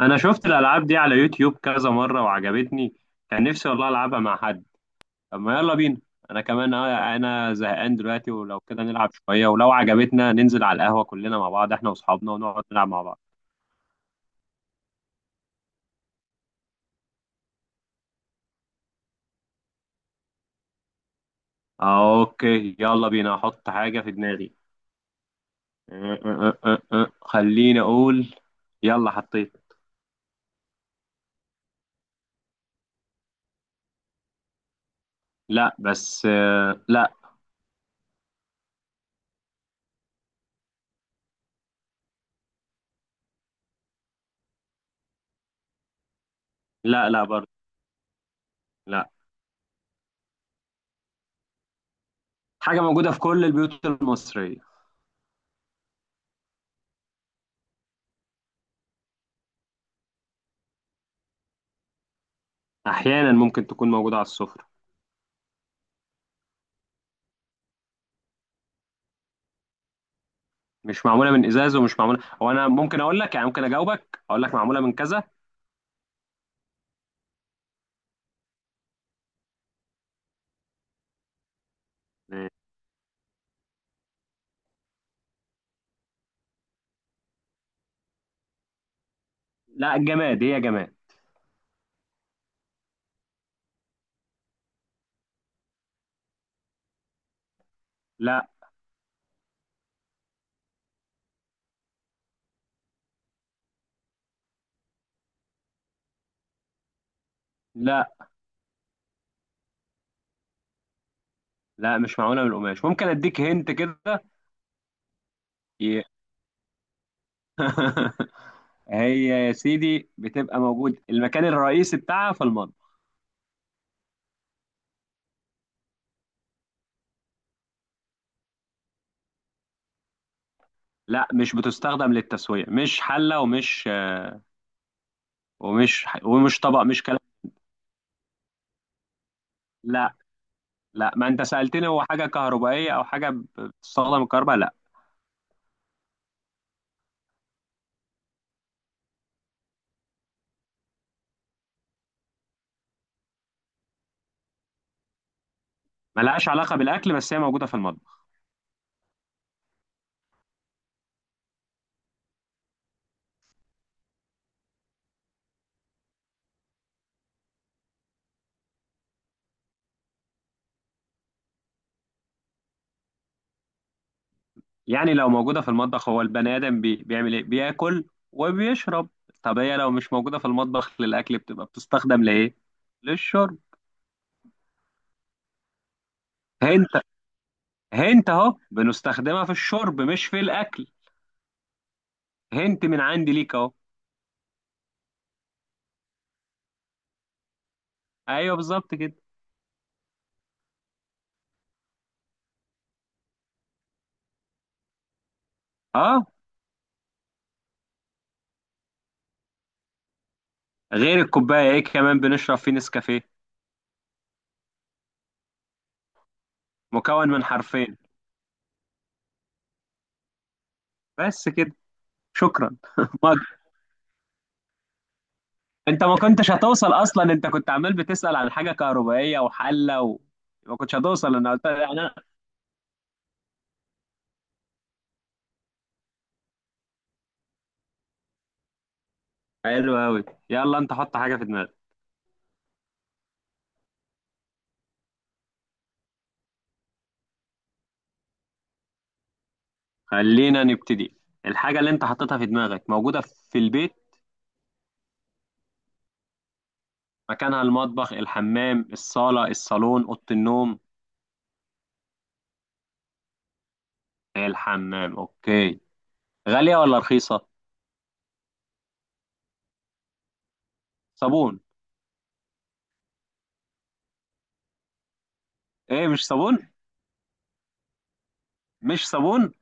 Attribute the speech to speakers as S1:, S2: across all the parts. S1: انا شفت الالعاب دي على يوتيوب كذا مره وعجبتني. كان نفسي والله العبها مع حد. طب ما يلا بينا. انا كمان، انا زهقان دلوقتي، ولو كده نلعب شويه ولو عجبتنا ننزل على القهوه كلنا مع بعض، احنا واصحابنا، ونقعد نلعب مع بعض. اوكي، يلا بينا احط حاجه في دماغي. أه، أه، أه، أه. آه. خليني اقول. يلا حطيت. لا، بس لا. لا لا برضه. لا. حاجه موجوده في كل البيوت المصريه. احيانا ممكن تكون موجوده على السفره. مش معموله من ازاز ومش معموله، هو انا ممكن اقول لك يعني ممكن اجاوبك اقول لك معموله من كذا. لا، جماد، هي جماد. لا لا. لا، مش معموله من القماش، ممكن اديك هنت كده. ي- هي يا سيدي بتبقى موجود المكان الرئيسي بتاعها في المطبخ. لا، مش بتستخدم للتسويه، مش حله، ومش طبق، مش كلام. لا. لا، ما انت سالتني هو حاجه كهربائيه او حاجه بتستخدم الكهرباء، لا. ملهاش علاقه بالاكل، بس هي موجوده في المطبخ. يعني لو موجودة في المطبخ، هو البني آدم بيعمل إيه؟ بياكل وبيشرب. طب هي لو مش موجودة في المطبخ للأكل، بتبقى بتستخدم لإيه؟ للشرب. هنت، هنت أهو بنستخدمها في الشرب مش في الأكل. هنت من عندي ليك أهو. أيوه بالظبط كده. أه. غير الكوباية، إيه كمان بنشرب فيه نسكافيه؟ مكون من حرفين. بس كده. شكرا. ما... أنت ما كنتش هتوصل أصلا، أنت كنت عمال بتسأل عن حاجة كهربائية وحلة ما كنتش هتوصل، أنا قلت يعني. حلو أوي. يلا أنت حط حاجة في دماغك. خلينا نبتدي. الحاجة اللي أنت حطيتها في دماغك موجودة في البيت. مكانها المطبخ، الحمام، الصالة، الصالون، أوضة النوم. الحمام، أوكي. غالية ولا رخيصة؟ صابون. إيه، مش صابون؟ مش صابون؟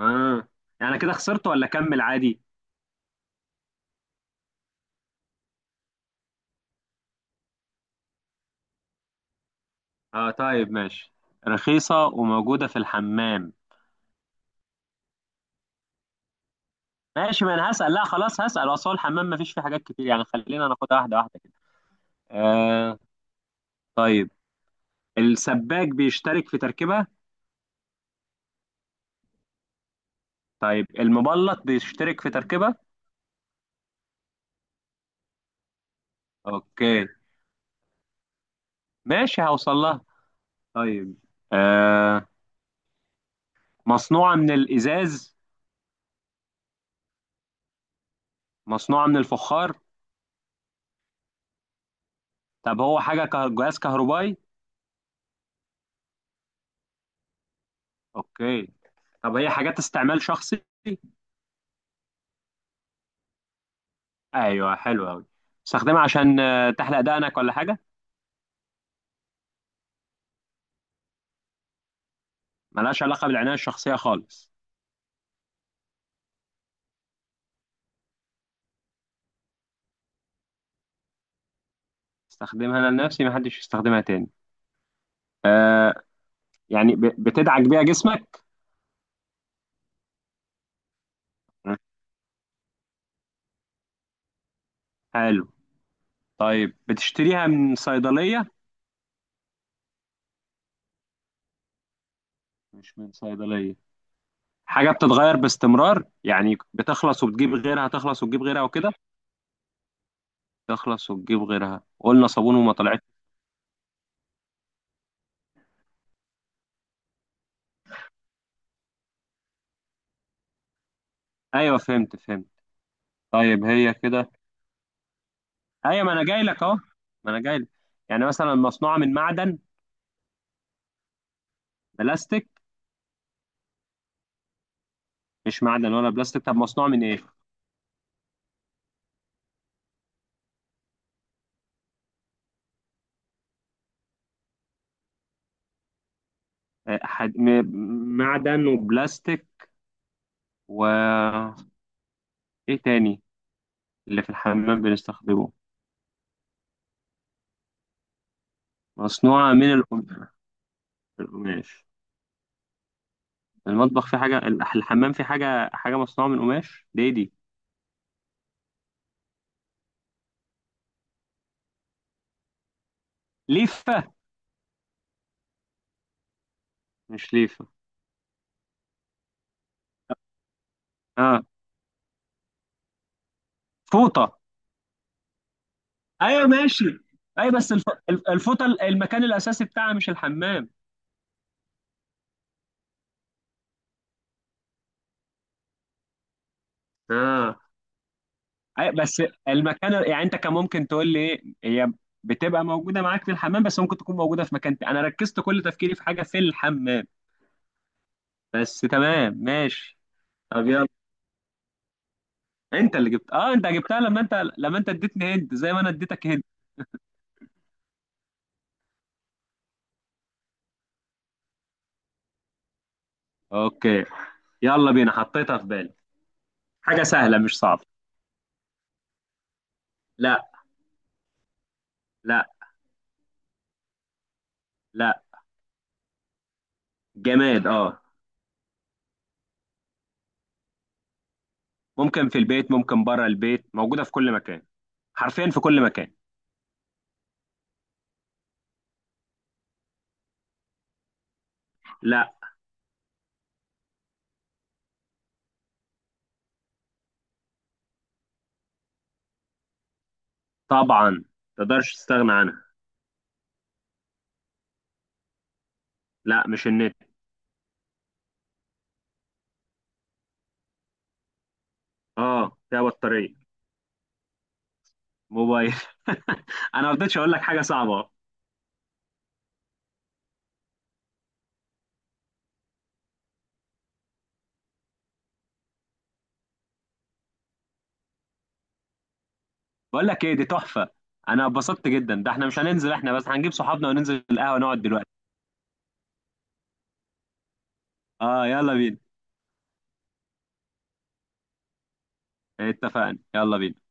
S1: آه. يعني كده خسرت، ولا أكمل عادي؟ آه، طيب ماشي. رخيصة وموجودة في الحمام. ماشي، ما أنا هسأل، لا خلاص هسأل. أصل هو الحمام مفيش فيه حاجات كتير يعني، خلينا ناخدها واحدة واحدة كده. آه. طيب. السباك بيشترك في تركيبة؟ طيب المبلط بيشترك في تركيبة؟ اوكي، ماشي هوصل لها. طيب. آه. مصنوعة من الإزاز؟ مصنوعة من الفخار؟ طب هو حاجة جهاز كهربائي؟ اوكي. طب هي حاجات استعمال شخصي؟ ايوه، حلو قوي. استخدمها عشان تحلق دقنك ولا حاجة؟ ملهاش علاقة بالعناية الشخصية خالص؟ استخدمها انا لنفسي، محدش يستخدمها تاني. آه. يعني بتدعك بيها جسمك؟ حلو. طيب بتشتريها من صيدلية؟ مش من صيدلية. حاجة بتتغير باستمرار، يعني بتخلص وبتجيب غيرها، تخلص وتجيب غيرها وكده. تخلص وتجيب غيرها، قلنا صابون وما طلعت. ايوه فهمت فهمت. طيب هي كده، ايوه ما انا جاي لك اهو، ما انا جاي لك. يعني مثلا مصنوعة من معدن؟ بلاستيك؟ مش معدن ولا بلاستيك، طب مصنوعة من ايه؟ معدن وبلاستيك، و، ايه تاني اللي في الحمام بنستخدمه؟ مصنوعة من القماش؟ القماش؟ المطبخ فيه حاجة، الحمام فيه حاجة، حاجة مصنوعة من قماش، دي، ليفة؟ مش ليفة. اه، فوطة. ايوه ماشي. اي بس الفوطة، المكان الأساسي بتاعها مش الحمام. اه. اي بس المكان، يعني انت كان ممكن تقول لي ايه هي، بتبقى موجودة معاك في الحمام بس ممكن تكون موجودة في مكان تاني، انا ركزت كل تفكيري في حاجة في الحمام، بس تمام ماشي. طب يلا. انت اللي جبت، اه انت جبتها. لما انت لما انت اديتني هند زي ما انا اديتك هند. اوكي يلا بينا، حطيتها في بالي. حاجة سهلة مش صعبة. لا. لا. لا. جماد، اه. ممكن في البيت، ممكن بره البيت، موجودة في كل مكان، حرفيا في كل مكان. لا. طبعا، تقدرش تستغنى عنها. لا، مش النت. اه، فيها بطارية. موبايل. انا ما رضيتش اقول لك حاجة صعبة. بقول لك ايه، دي تحفة. انا اتبسطت جدا، ده احنا مش هننزل، احنا بس هنجيب صحابنا وننزل القهوة نقعد دلوقتي. اه يلا بينا. اتفقنا، يلا بينا.